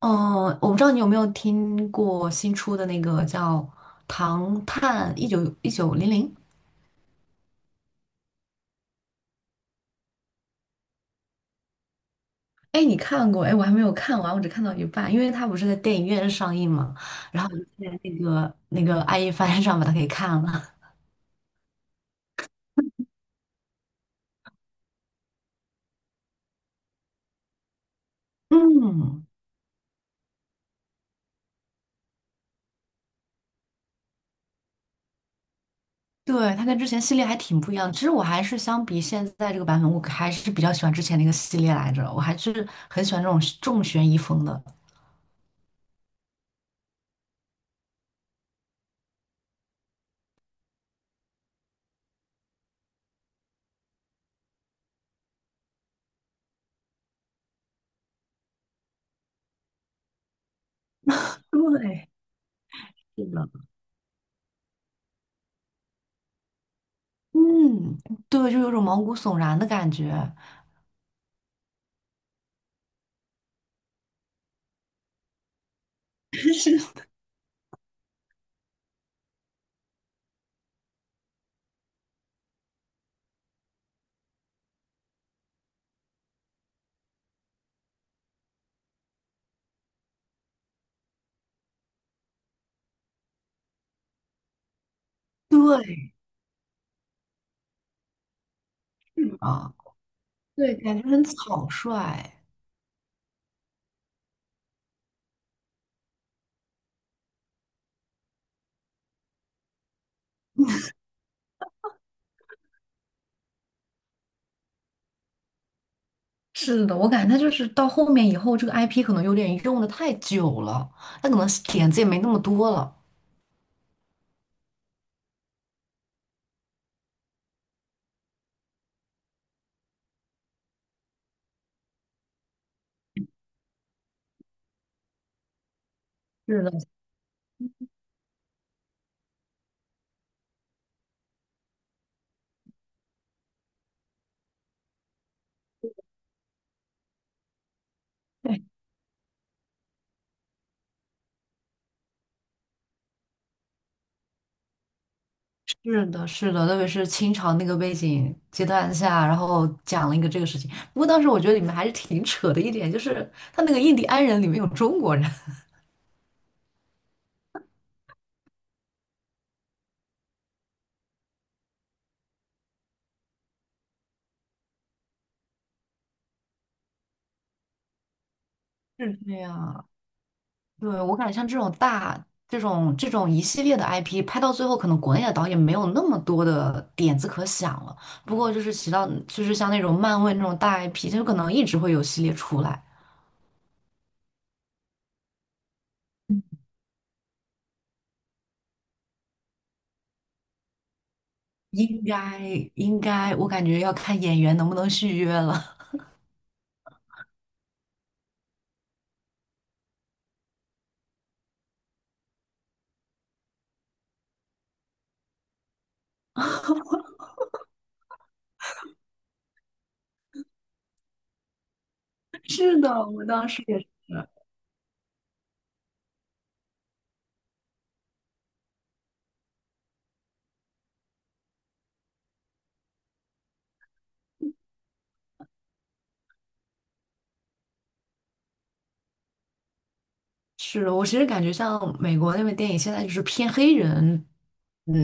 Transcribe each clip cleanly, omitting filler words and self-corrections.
嗯，我不知道你有没有听过新出的那个叫《唐探一九零零》。哎，你看过？哎，我还没有看完，我只看到一半，因为它不是在电影院上映嘛，然后我就在那个爱一帆上把它给看了。嗯，对，它跟之前系列还挺不一样的。其实我还是相比现在这个版本，我还是比较喜欢之前那个系列来着，我还是很喜欢这种重悬疑风的。对，是的。嗯，对，就有种毛骨悚然的感觉。对，啊，对，感觉很草率。是的，我感觉他就是到后面以后，这个 IP 可能有点用的太久了，他可能点子也没那么多了。是的，对，是的，是的，特别是清朝那个背景阶段下，然后讲了一个这个事情。不过当时我觉得里面还是挺扯的一点，就是他那个印第安人里面有中国人。是这样对，我感觉像这种大、这种一系列的 IP，拍到最后，可能国内的导演没有那么多的点子可想了。不过就是提到，就是像那种漫威那种大 IP，就可能一直会有系列出来。应该应该，我感觉要看演员能不能续约了。是的，我当时也是。是我其实感觉像美国那边电影现在就是偏黑人，嗯，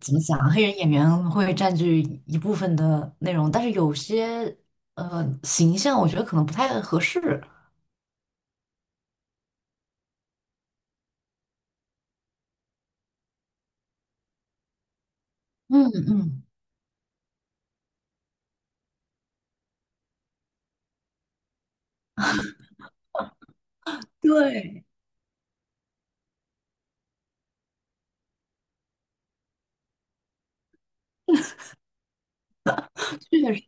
怎么讲，黑人演员会占据一部分的内容，但是有些形象我觉得可能不太合适。嗯嗯，对。确实，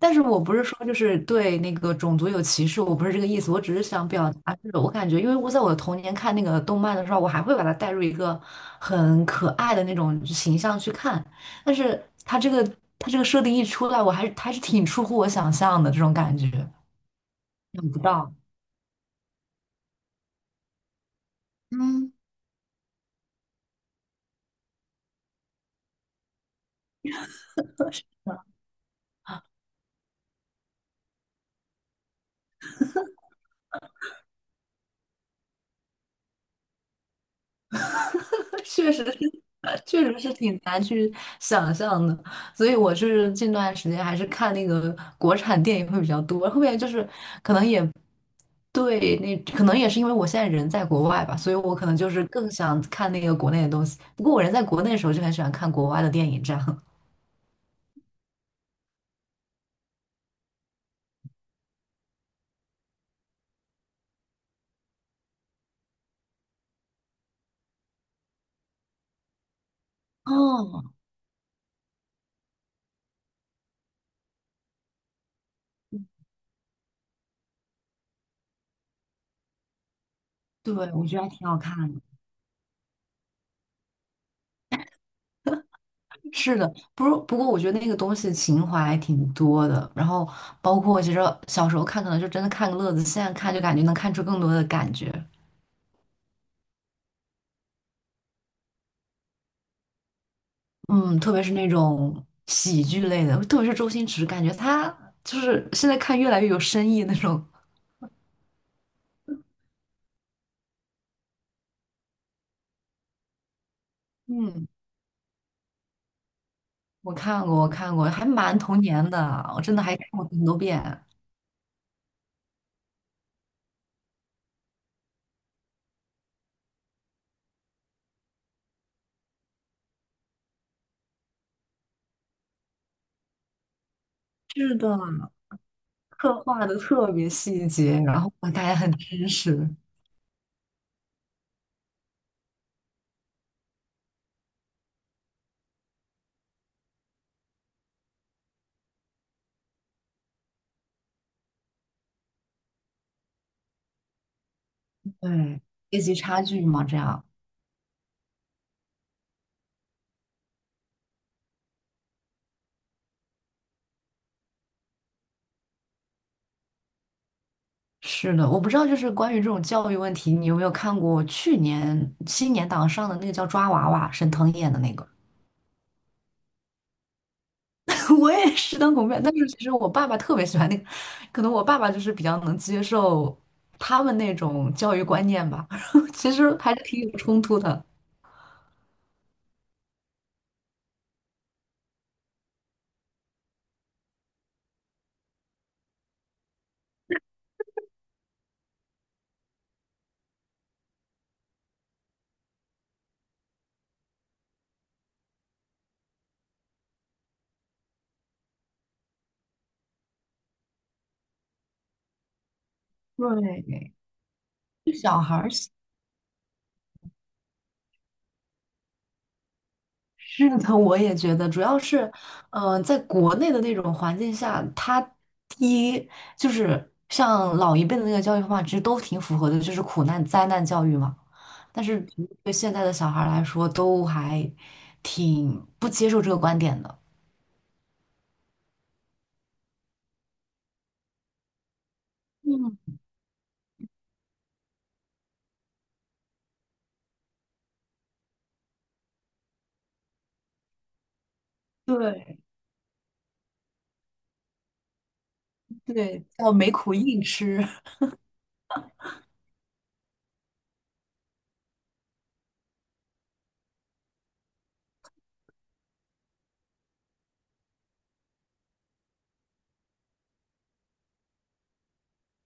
但是我不是说就是对那个种族有歧视，我不是这个意思，我只是想表达，就是我感觉，因为我在我的童年看那个动漫的时候，我还会把它带入一个很可爱的那种形象去看，但是它这个设定一出来，我还是挺出乎我想象的这种感觉，想不到，嗯，确实是，确实是挺难去想象的，所以我是近段时间还是看那个国产电影会比较多，后面就是可能也对，那可能也是因为我现在人在国外吧，所以我可能就是更想看那个国内的东西。不过我人在国内的时候就很喜欢看国外的电影，这样。哦，对，我觉得还挺好看的。是的，不过我觉得那个东西情怀还挺多的，然后包括其实小时候看可能就真的看个乐子，现在看就感觉能看出更多的感觉。嗯，特别是那种喜剧类的，特别是周星驰，感觉他就是现在看越来越有深意那种。嗯，我看过，我看过，还蛮童年的，我真的还看过很多遍。是的，刻画的特别细节，然后大家很真实。对，阶级差距嘛，这样。是的，我不知道，就是关于这种教育问题，你有没有看过去年新年档上的那个叫《抓娃娃》，沈腾演的那个？我也是当狗面，但是其实我爸爸特别喜欢那个，可能我爸爸就是比较能接受他们那种教育观念吧，其实还是挺有冲突的。对，对小孩儿是的，我也觉得，主要是，嗯，在国内的那种环境下，他第一就是像老一辈的那个教育方法，其实都挺符合的，就是苦难灾难教育嘛。但是对现在的小孩儿来说，都还挺不接受这个观点的。嗯，对，对，叫没苦硬吃。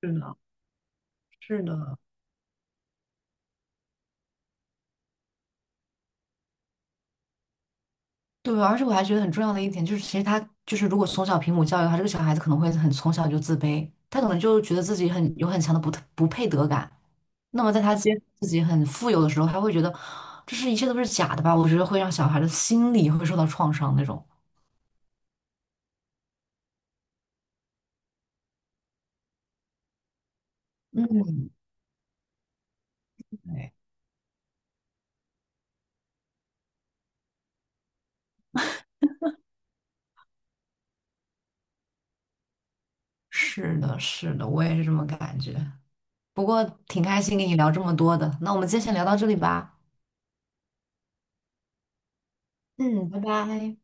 是的，是的，对，而且我还觉得很重要的一点就是，其实他就是如果从小平母教育的话，这个小孩子可能会很从小就自卑，他可能就觉得自己很有很强的不配得感。那么在他接，自己很富有的时候，他会觉得这是一切都是假的吧？我觉得会让小孩的心理会受到创伤那种。嗯，对，是的，是的，我也是这么感觉。不过挺开心跟你聊这么多的，那我们今天先聊到这里吧。嗯，拜拜。